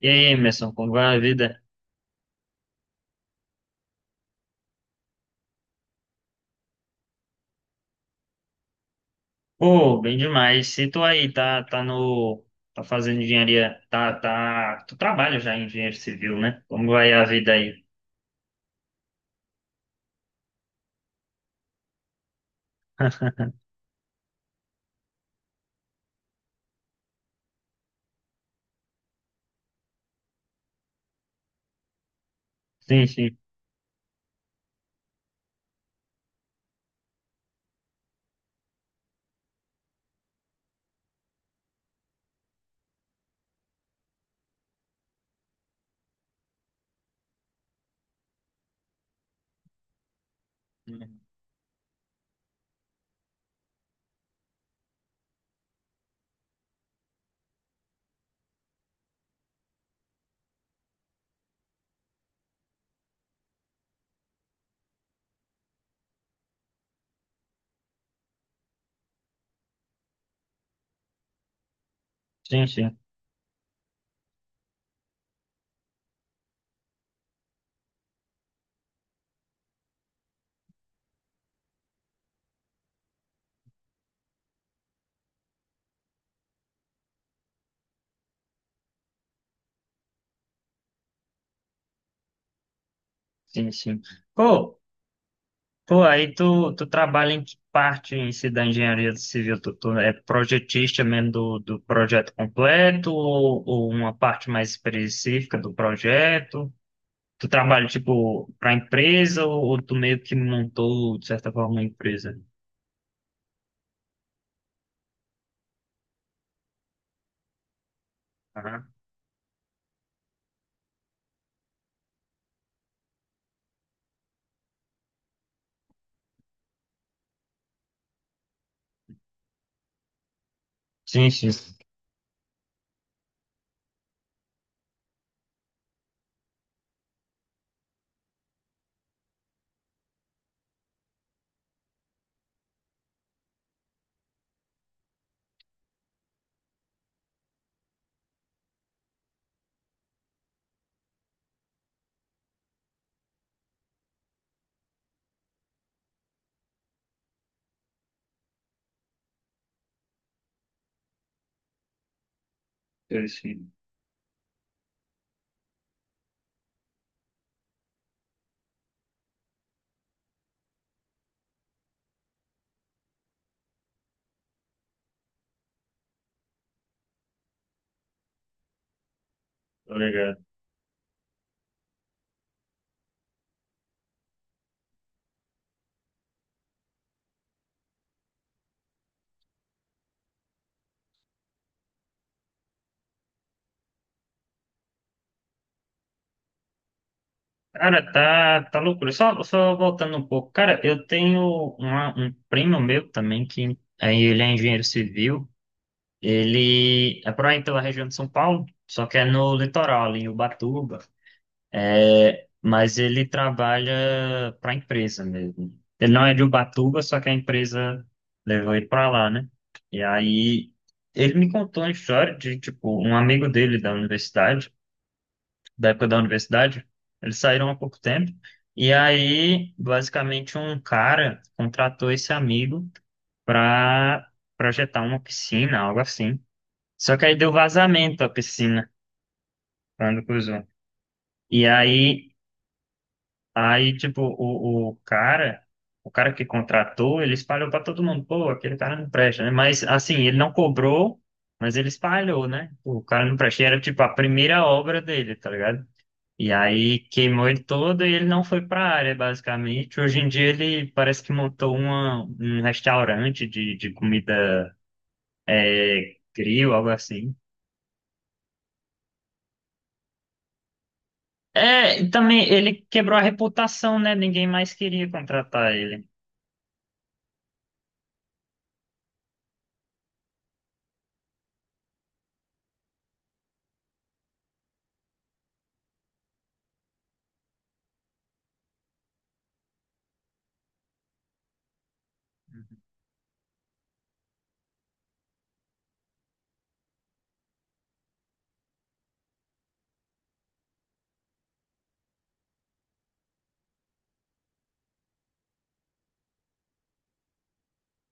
E aí, Emerson, como vai a vida? Pô, bem demais. Se tu aí tá, tá no, tá fazendo engenharia, tu trabalha já em engenharia civil, né? Como vai a vida aí? Sim, sim. Sim, sim, sim, sim. Pô, pô, aí tu trabalha em que parte em si da engenharia civil? Tu é projetista mesmo do projeto completo ou uma parte mais específica do projeto? Tu trabalha, tipo, pra empresa ou tu meio que montou, de certa forma, uma empresa? Aham. Sim, sim. Eu sim. Tô ligado. Cara, tá loucura. Só voltando um pouco. Cara, eu tenho um primo meu também, que aí ele é engenheiro civil. Ele é por aí pela região de São Paulo, só que é no litoral, ali em Ubatuba. É, mas ele trabalha para a empresa mesmo. Ele não é de Ubatuba, só que a empresa levou ele para lá, né? E aí ele me contou uma história de, tipo, um amigo dele da universidade, da época da universidade, eles saíram há pouco tempo. E aí, basicamente, um cara contratou esse amigo para projetar uma piscina, algo assim. Só que aí deu vazamento à piscina quando cruzou. E aí Aí, tipo, o cara que contratou, ele espalhou para todo mundo, pô, aquele cara não presta, né? Mas, assim, ele não cobrou, mas ele espalhou, né? O cara não presta. E era, tipo, a primeira obra dele, tá ligado? E aí queimou ele todo e ele não foi para a área, basicamente. Hoje em dia ele parece que montou um restaurante de comida grill, algo assim. É, e também ele quebrou a reputação, né? Ninguém mais queria contratar ele.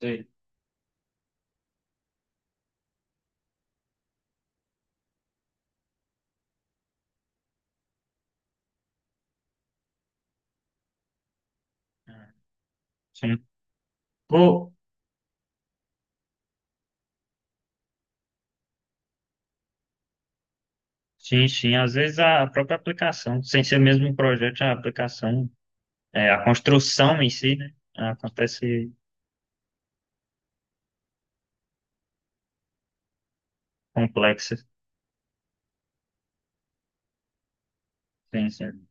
Sei. Sim. Ô, Sim, sim. Às vezes a própria aplicação, sem ser mesmo um projeto, a aplicação, é, a construção em si, né? Acontece complexa. Sim, sim.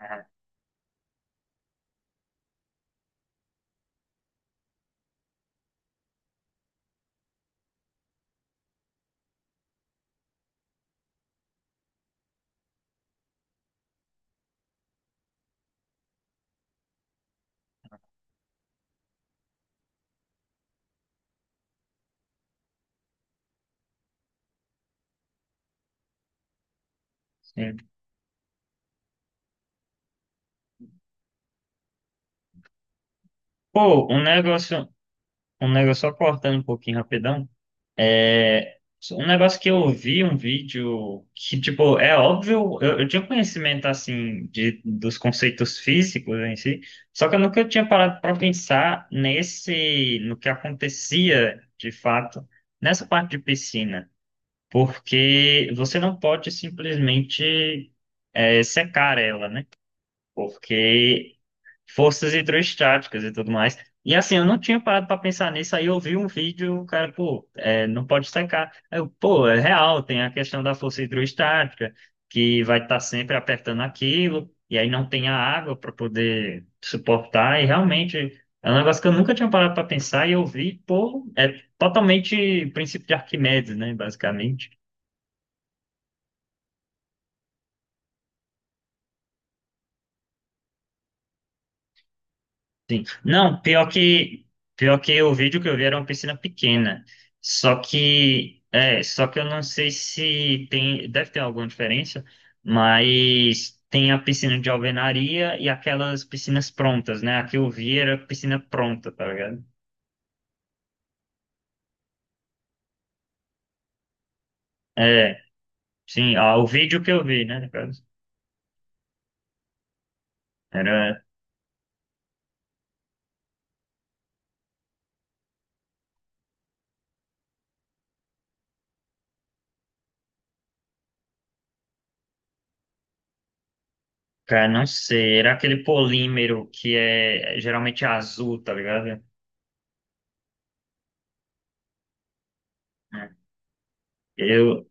Ah, sim. Pô, um negócio, só cortando um pouquinho rapidão. é, Um negócio que eu vi um vídeo que, tipo, é óbvio, eu tinha conhecimento, assim, de, dos conceitos físicos em si, só que eu nunca tinha parado para pensar no que acontecia, de fato, nessa parte de piscina. Porque você não pode simplesmente secar ela, né? Porque forças hidrostáticas e tudo mais. E assim, eu não tinha parado para pensar nisso, aí eu vi um vídeo, o cara, pô, não pode secar. Aí eu, pô, é real, tem a questão da força hidrostática, que vai estar sempre apertando aquilo, e aí não tem a água para poder suportar, e realmente. É um negócio que eu nunca tinha parado para pensar e eu vi, pô, é totalmente princípio de Arquimedes, né, basicamente. Sim. Não, pior que o vídeo que eu vi era uma piscina pequena. Só que eu não sei se tem, deve ter alguma diferença, mas tem a piscina de alvenaria e aquelas piscinas prontas, né? A que eu vi era piscina pronta, tá ligado? É, sim, ah, o vídeo que eu vi, né, no caso, era, cara, não sei, era aquele polímero que é geralmente azul, tá ligado? É, eu,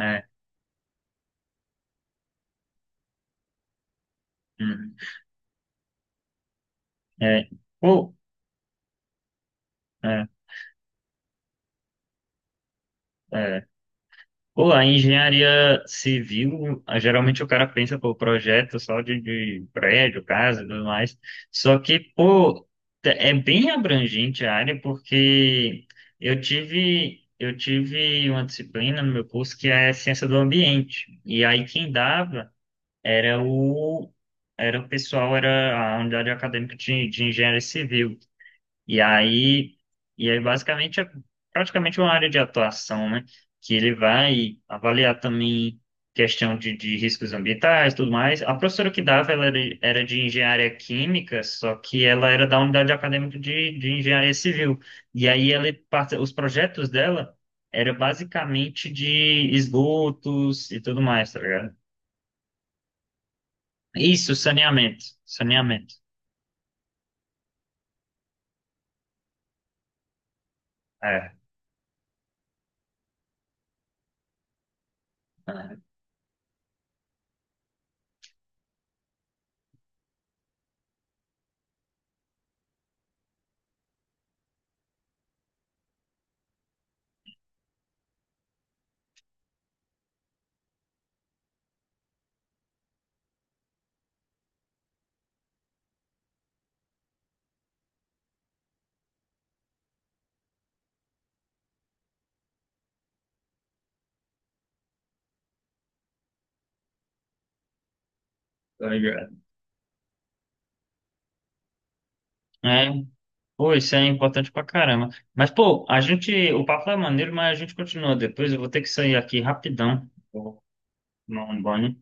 é, uhum, é, pô, é, é. Pô, a engenharia civil, ah, geralmente o cara pensa, pô, projeto só de prédio, casa e tudo mais. Só que, pô, é bem abrangente a área, porque eu tive uma disciplina no meu curso que é ciência do ambiente. E aí quem dava era o, era o pessoal, era a unidade acadêmica de engenharia civil. E aí, e aí basicamente é praticamente uma área de atuação, né? Que ele vai avaliar também questão de riscos ambientais, tudo mais. A professora que dava, ela era de engenharia química, só que ela era da unidade acadêmica de engenharia civil. E aí os projetos dela eram basicamente de esgotos e tudo mais, tá ligado? Isso, saneamento, saneamento. É, é, tá ligado? É. Pô, isso é importante pra caramba. Mas, pô, a gente. O papo é maneiro, mas a gente continua depois. Eu vou ter que sair aqui rapidão. Vou tomar um banho.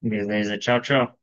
Beleza, tchau, tchau.